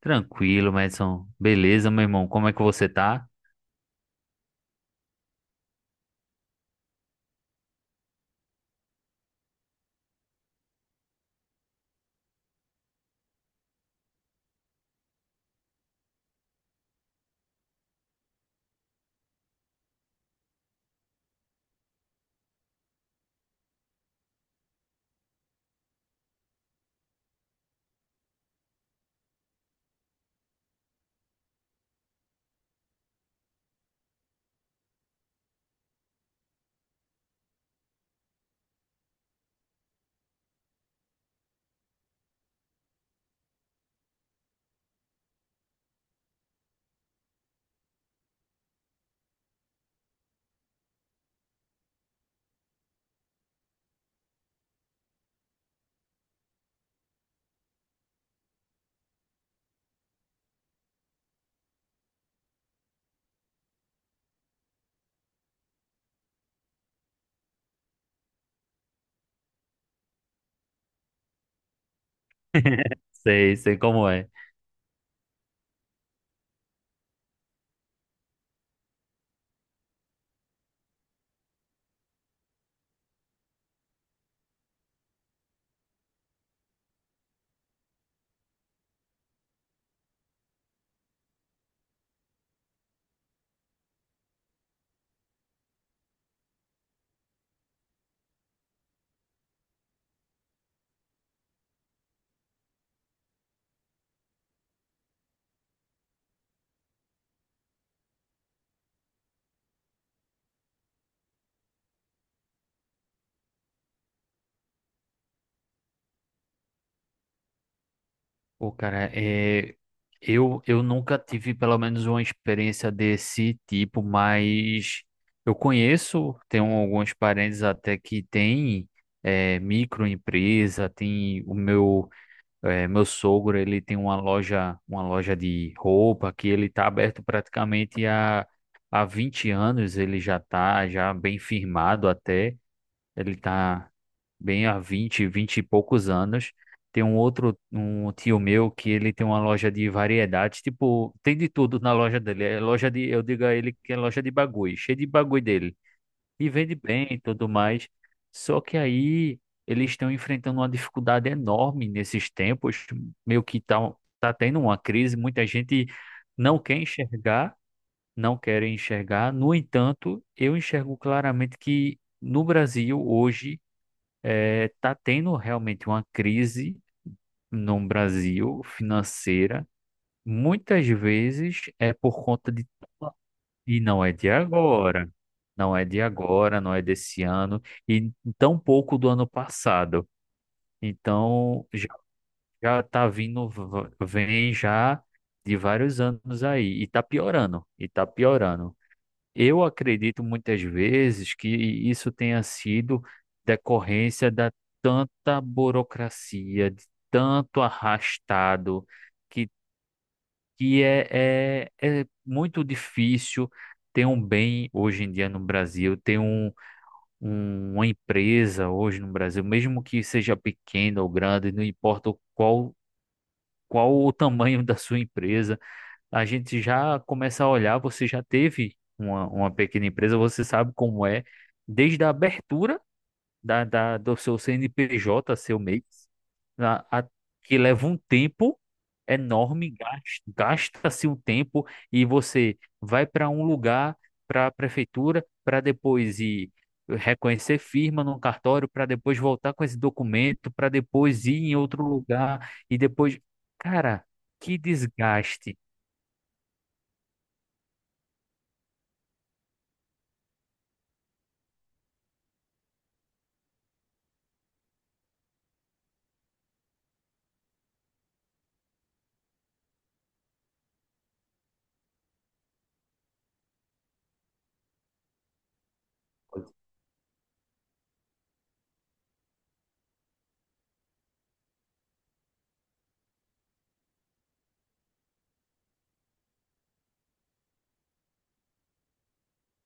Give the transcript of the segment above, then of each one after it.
Tranquilo, Madison. Beleza, meu irmão? Como é que você tá? Sei, sei como é. Pô, cara, eu nunca tive pelo menos uma experiência desse tipo, mas eu conheço, tenho alguns parentes até que têm microempresa. Tem meu sogro. Ele tem uma loja de roupa que ele está aberto praticamente há 20 anos. Ele já está já bem firmado até. Ele tá bem há vinte e poucos anos. Tem um tio meu que ele tem uma loja de variedades, tipo, tem de tudo na loja dele. Eu digo a ele que é loja de bagulho, cheio de bagulho dele. E vende bem e tudo mais. Só que aí eles estão enfrentando uma dificuldade enorme nesses tempos, meio que tá tendo uma crise, muita gente não quer enxergar, não quer enxergar. No entanto, eu enxergo claramente que no Brasil hoje tá tendo realmente uma crise no Brasil financeira. Muitas vezes é por conta de. E não é de agora. Não é de agora, não é desse ano. E tão pouco do ano passado. Então, já tá vindo, vem já de vários anos aí. E tá piorando. E tá piorando. Eu acredito muitas vezes que isso tenha sido decorrência da tanta burocracia, de tanto arrastado, que, que é muito difícil ter um bem hoje em dia no Brasil, ter uma empresa hoje no Brasil, mesmo que seja pequena ou grande, não importa qual o tamanho da sua empresa. A gente já começa a olhar, você já teve uma pequena empresa, você sabe como é, desde a abertura do seu CNPJ, seu MEI, a- a- que leva um tempo enorme, gasta-se um tempo e você vai para um lugar, para a prefeitura, para depois ir reconhecer firma no cartório, para depois voltar com esse documento, para depois ir em outro lugar e depois, cara, que desgaste.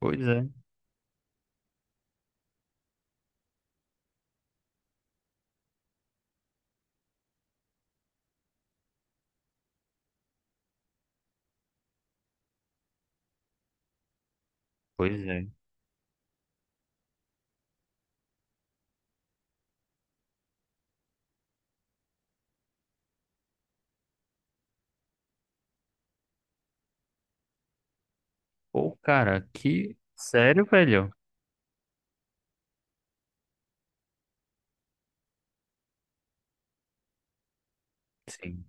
Pois é. Pois é. Pô, cara, que sério, velho? Sim.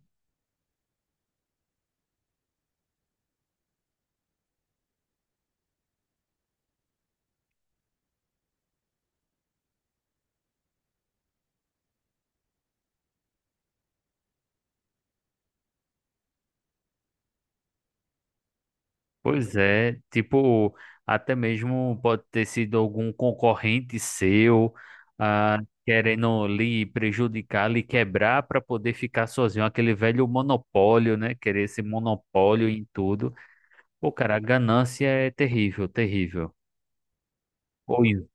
Pois é, tipo, até mesmo pode ter sido algum concorrente seu, ah, querendo lhe prejudicar, lhe quebrar para poder ficar sozinho, aquele velho monopólio, né? Querer esse monopólio em tudo. Pô, cara, a ganância é terrível, terrível. Ou isso.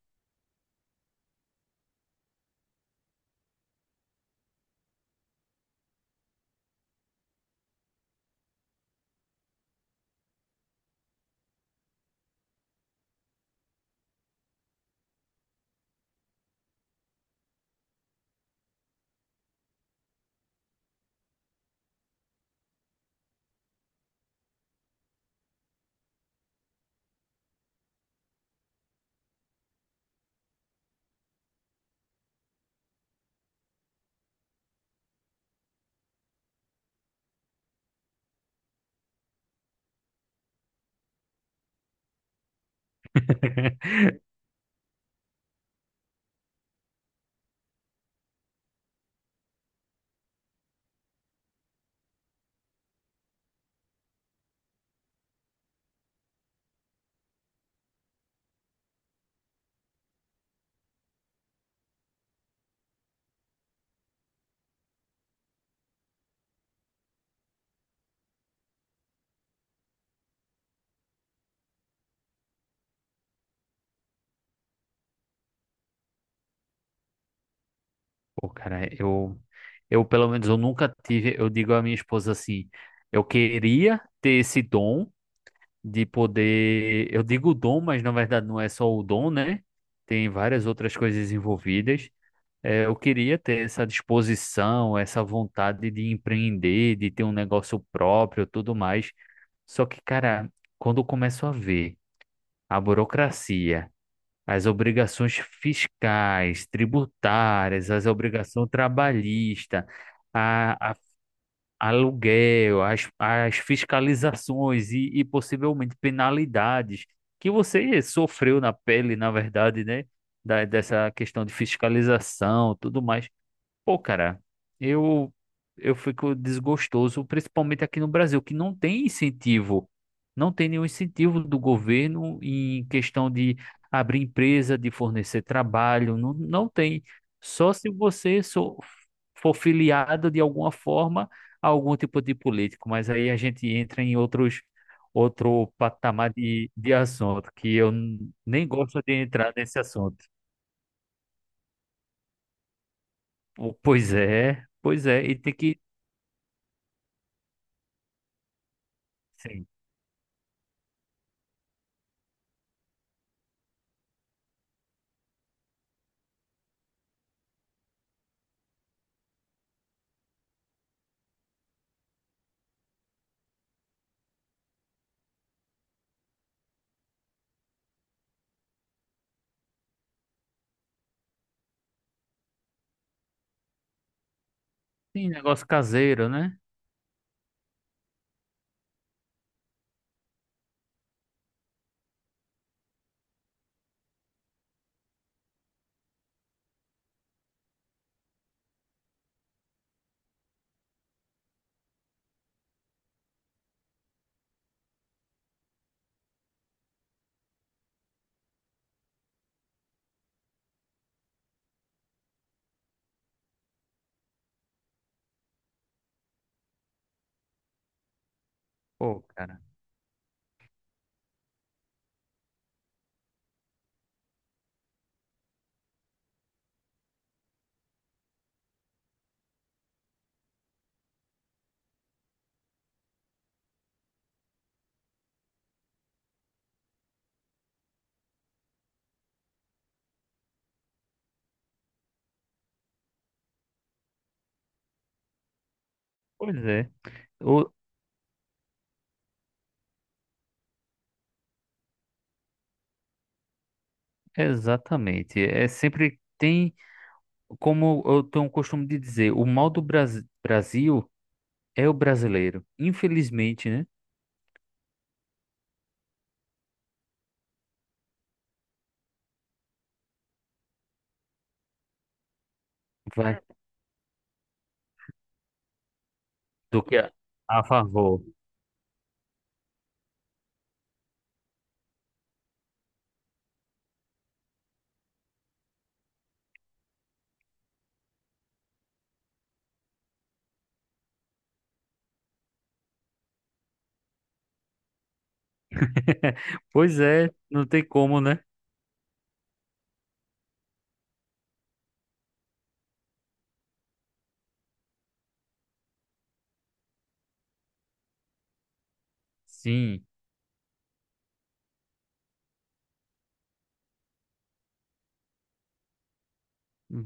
Pô, cara, eu pelo menos eu nunca tive, eu digo à minha esposa assim, eu queria ter esse dom de poder. Eu digo dom, mas na verdade não é só o dom, né? Tem várias outras coisas envolvidas. É, eu queria ter essa disposição, essa vontade de empreender, de ter um negócio próprio, tudo mais. Só que, cara, quando eu começo a ver a burocracia, as obrigações fiscais, tributárias, as obrigações trabalhistas, aluguel, as fiscalizações e possivelmente penalidades que você sofreu na pele, na verdade, né? Dessa questão de fiscalização, tudo mais. Pô, cara, eu eu fico desgostoso, principalmente aqui no Brasil, que não tem incentivo, não tem nenhum incentivo do governo em questão de abrir empresa, de fornecer trabalho, não, não tem. Só se você for filiado de alguma forma a algum tipo de político, mas aí a gente entra em outro patamar de assunto, que eu nem gosto de entrar nesse assunto. Pois é, e tem que sim. Sim, negócio caseiro, né? Pô, cara. Pois é. O- exatamente. É sempre tem, como eu tenho o costume de dizer, o mal do Brasil é o brasileiro. Infelizmente, né? Vai do que a favor. Pois é, não tem como, né? Sim.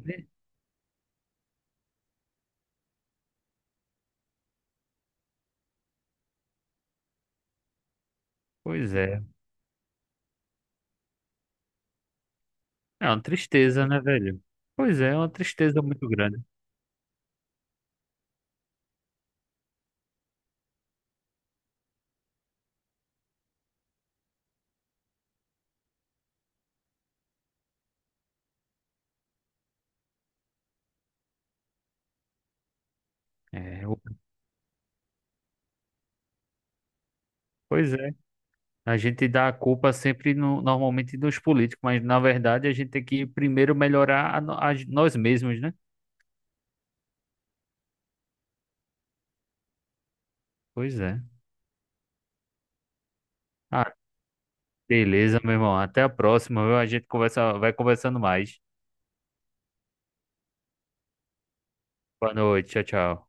Vê- Pois é. É uma tristeza, né, velho? Pois é, é uma tristeza muito grande. É, pois é. A gente dá a culpa sempre no, normalmente nos políticos, mas na verdade a gente tem que primeiro melhorar a, no- a gen- nós mesmos, né? Pois é. Ah, beleza, meu irmão. Até a próxima, viu? A gente conversa, vai conversando mais. Boa noite, tchau, tchau.